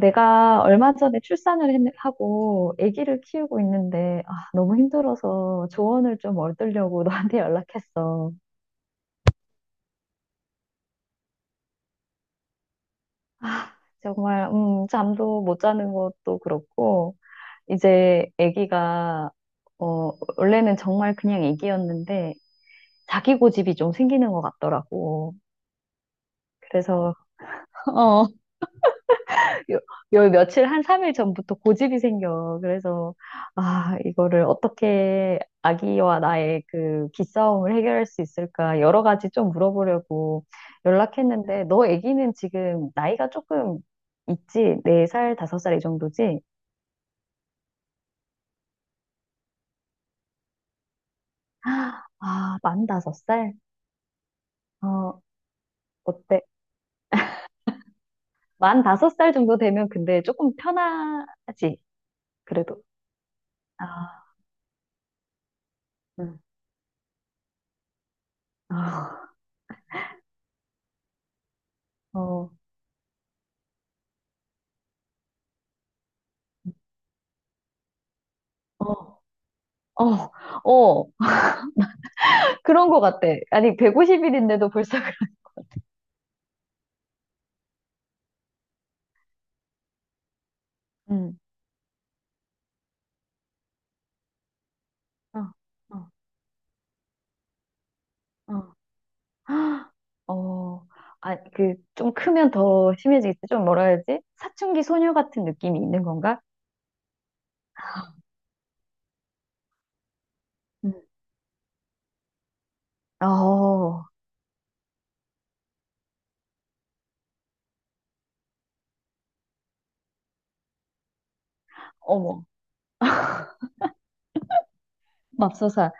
내가 얼마 전에 출산을 하고 아기를 키우고 있는데 아, 너무 힘들어서 조언을 좀 얻으려고 너한테 연락했어. 정말 잠도 못 자는 것도 그렇고 이제 아기가 어, 원래는 정말 그냥 아기였는데 자기 고집이 좀 생기는 것 같더라고. 그래서 어, 요, 요 며칠 한 3일 전부터 고집이 생겨. 그래서 아, 이거를 어떻게 아기와 나의 그 기싸움을 해결할 수 있을까 여러 가지 좀 물어보려고 연락했는데 너 아기는 지금 나이가 조금 있지? 네 살 다섯 살 이 정도지? 아, 만 다섯 살. 어, 어때? 만 다섯 살 정도 되면 근데 조금 편하지. 그래도. 아, 응. 아, 어. 어, 어, 어, 그런 것 같아. 아니, 150일인데도 벌써. 음. 어, 어, 어. 헉! 어, 아, 좀 크면 더 심해지겠지? 좀 뭐라 해야지? 사춘기 소녀 같은 느낌이 있는 건가? 음. 어, 어머, 맙소사.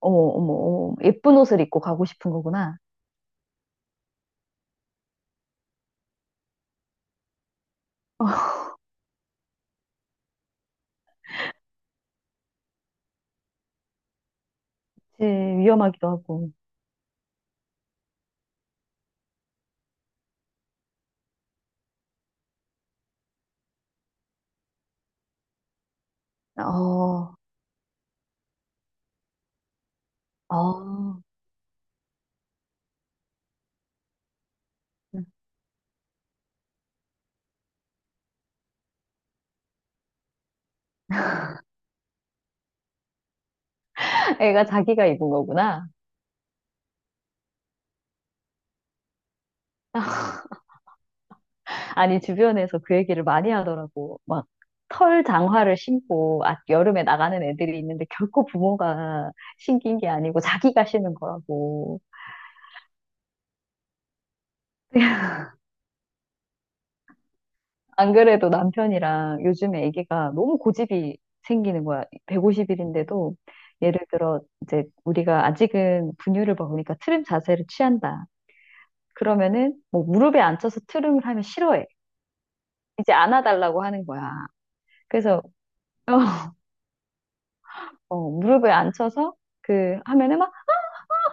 어머, 어머, 어머, 예쁜 옷을 입고 가고 싶은 거구나. 어, 그치, 위험하기도 하고. 어, 어, 음. 애가 자기가 입은 거구나. 아니, 주변에서 그 얘기를 많이 하더라고. 막, 털 장화를 신고, 아, 여름에 나가는 애들이 있는데, 결코 부모가 신긴 게 아니고, 자기가 신은 거라고. 안 그래도 남편이랑 요즘에 애기가 너무 고집이 생기는 거야. 150일인데도. 예를 들어, 이제, 우리가 아직은 분유를 먹으니까 트림 자세를 취한다. 그러면은, 뭐, 무릎에 앉혀서 트림을 하면 싫어해. 이제 안아달라고 하는 거야. 그래서, 무릎에 앉혀서, 하면은 막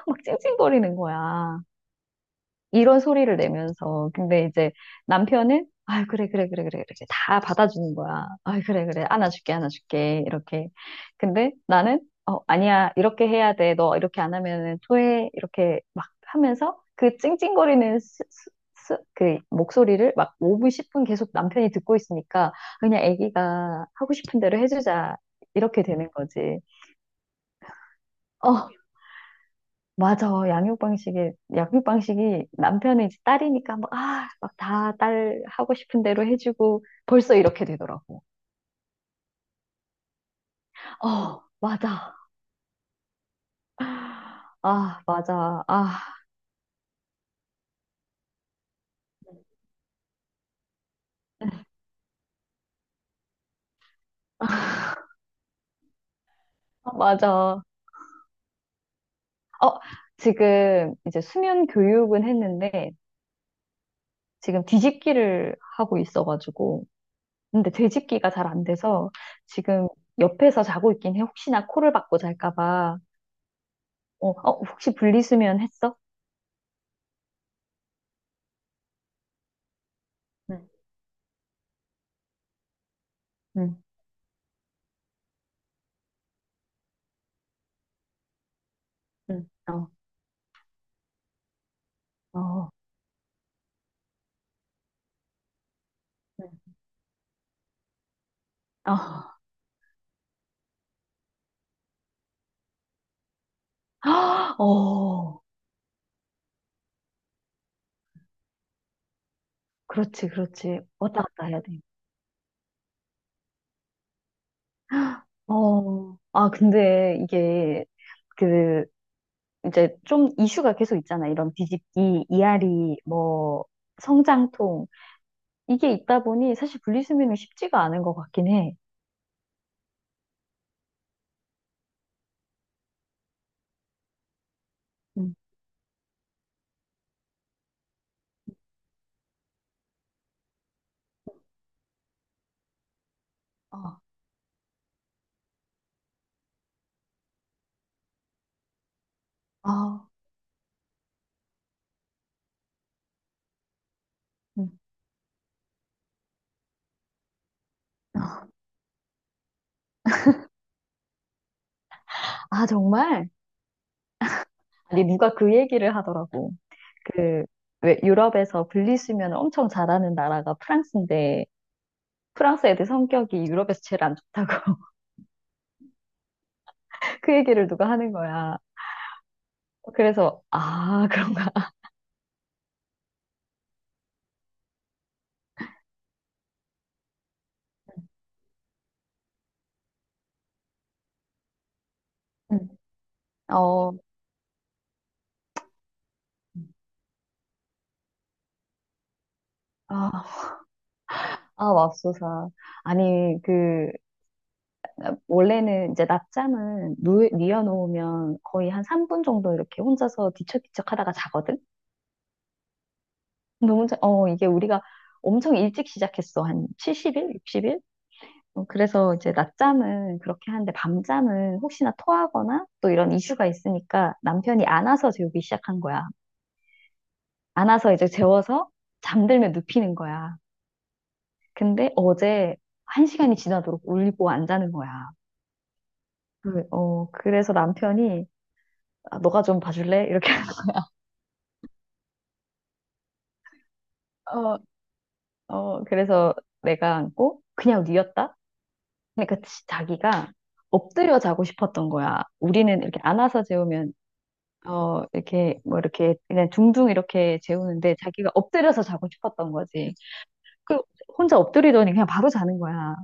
막 찡찡거리는 거야. 이런 소리를 내면서. 근데 이제 남편은, 아, 그래, 그래, 그래, 그래, 그래. 다 받아주는 거야. 아, 그래, 그래. 안아줄게, 안아줄게. 이렇게. 근데 나는, 아니야. 이렇게 해야 돼. 너 이렇게 안 하면은 토해. 이렇게 막 하면서 그 찡찡거리는 그 목소리를 막 5분, 10분 계속 남편이 듣고 있으니까 그냥 아기가 하고 싶은 대로 해주자. 이렇게 되는 거지. 어. 맞아. 양육 방식이 남편은 이제 딸이니까 막, 아, 막 다 딸 하고 싶은 대로 해주고 벌써 이렇게 되더라고. 어, 맞아. 아, 맞아. 아, 맞아. 어, 지금 이제 수면 교육은 했는데 지금 뒤집기를 하고 있어가지고. 근데 뒤집기가 잘 안 돼서 지금 옆에서 자고 있긴 해. 혹시나 코를 박고 잘까 봐. 어, 어, 혹시 분리수면 했어? 응, 응, 응. 어, 어. 네. 아, 어, 그렇지, 그렇지. 왔다 갔다 해야 돼. 어, 아, 근데 이게 그 이제 좀 이슈가 계속 있잖아. 이런 뒤집기, 이앓이, 뭐 성장통 이게 있다 보니 사실 분리수면은 쉽지가 않은 것 같긴 해. 음. 어, 아, 음. 아, 정말? 아니 누가 그 얘기를 하더라고. 그 왜 유럽에서 분리수면을 엄청 잘하는 나라가 프랑스인데 프랑스 애들 성격이 유럽에서 제일 안 좋다고. 그 얘기를 누가 하는 거야. 그래서, 아, 그런가. 음. 어, 아, 아, 맙소사. 아니, 원래는 이제 낮잠은 뉘어놓으면 거의 한 3분 정도 이렇게 혼자서 뒤척뒤척 하다가 자거든? 근데 혼자, 이게 우리가 엄청 일찍 시작했어. 한 70일? 60일? 어, 그래서 이제 낮잠은 그렇게 하는데 밤잠은 혹시나 토하거나 또 이런 이슈가 있으니까 남편이 안아서 재우기 시작한 거야. 안아서 이제 재워서 잠들면 눕히는 거야. 근데 어제 한 시간이 지나도록 울고 안 자는 거야. 그래서 남편이 아, 너가 좀 봐줄래? 이렇게. 어, 어, 그래서 내가 안고 그냥 누웠다? 그러니까 자기가 엎드려 자고 싶었던 거야. 우리는 이렇게 안아서 재우면 이렇게 뭐 이렇게 그냥 둥둥 이렇게 재우는데 자기가 엎드려서 자고 싶었던 거지. 그 혼자 엎드리더니 그냥 바로 자는 거야.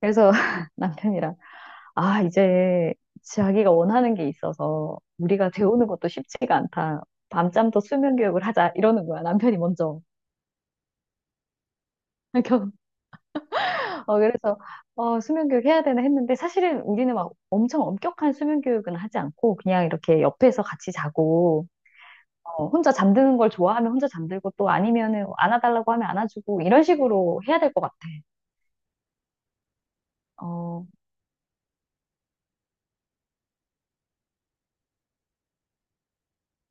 그래서 남편이랑 아, 이제 자기가 원하는 게 있어서 우리가 배우는 것도 쉽지가 않다. 밤잠도 수면 교육을 하자. 이러는 거야, 남편이 먼저. 그래서, 그래서, 수면 교육 해야 되나 했는데 사실은 우리는 막 엄청 엄격한 수면 교육은 하지 않고 그냥 이렇게 옆에서 같이 자고, 어, 혼자 잠드는 걸 좋아하면 혼자 잠들고 또 아니면은 안아달라고 하면 안아주고 이런 식으로 해야 될 것 같아. 어,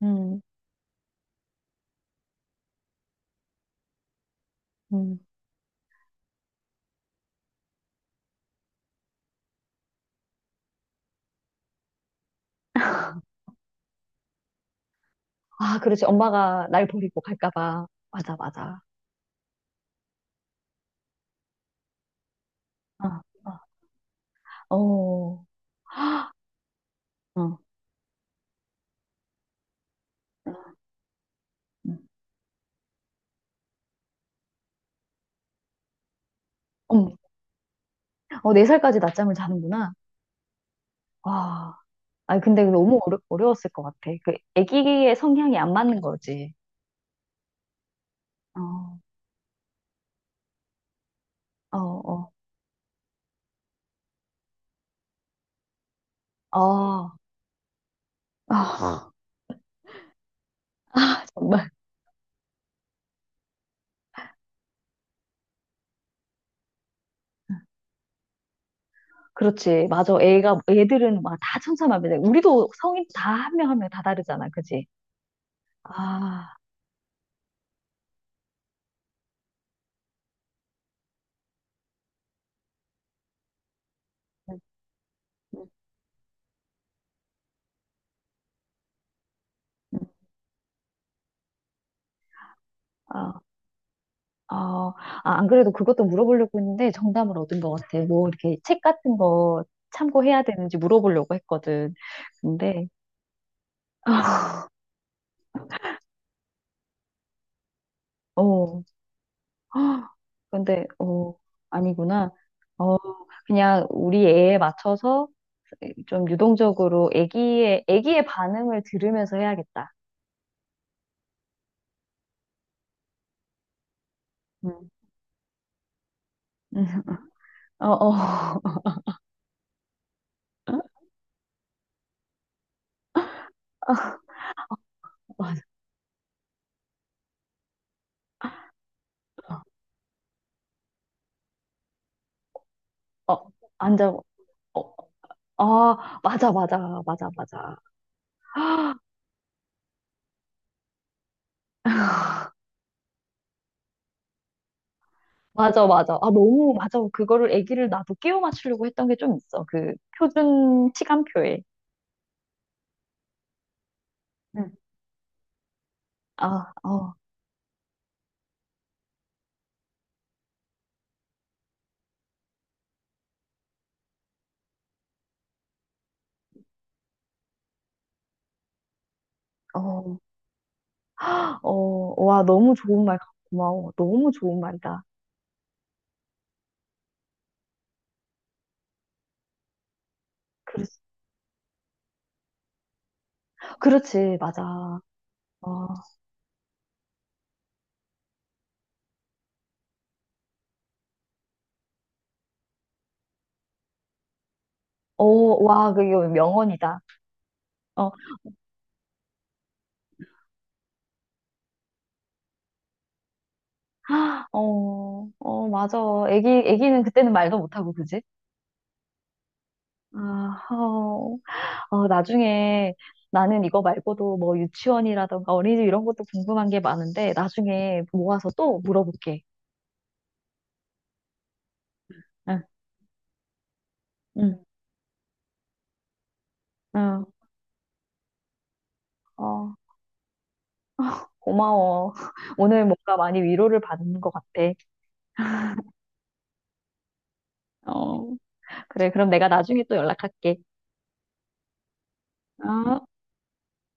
음, 음. 아, 그렇지. 엄마가 날 버리고 갈까 봐. 맞아, 맞아. 어, 어. 어. 어. 음. 음. 어, 4살까지 낮잠을 자는구나. 와. 아니, 근데 너무 어려웠을 것 같아. 애기의 성향이 안 맞는 거지. 어, 어, 어. 아, 아, 정말. 그렇지. 맞아. 애가, 애들은 막 다 천차만별이야. 우리도 성인 다 한 명 한 명 다 다르잖아. 그지? 아. 음, 음, 음. 아, 아, 아, 안 그래도 그것도 물어보려고 했는데 정답을 얻은 것 같아. 뭐 이렇게 책 같은 거 참고해야 되는지 물어보려고 했거든. 근데 아. 어, 근데, 아니구나. 어, 그냥 우리 애에 맞춰서 좀 유동적으로 애기의 반응을 들으면서 해야겠다. 음. 어, 어, 맞아. 앉아. 어, 아, 맞아, 맞아, 맞아, 맞아. 맞아, 맞아. 아, 너무, 맞아. 그거를 애기를 나도 끼워 맞추려고 했던 게 좀 있어. 그 표준 시간표에. 응. 아, 어, 어, 어, 와, 너무 좋은 말, 고마워. 너무 좋은 말이다. 그렇지, 맞아. 어, 어, 와, 그게 명언이다. 어, 아, 어, 어, 맞아. 애기는 그때는 말도 못하고, 그지? 아, 어, 어, 나중에 나는 이거 말고도 뭐 유치원이라던가 어린이집 이런 것도 궁금한 게 많은데, 나중에 모아서 또 물어볼게. 응, 응, 응, 어, 고마워. 오늘 뭔가 많이 위로를 받은 것 같아. 어, 그래, 그럼 내가 나중에 또 연락할게. 어?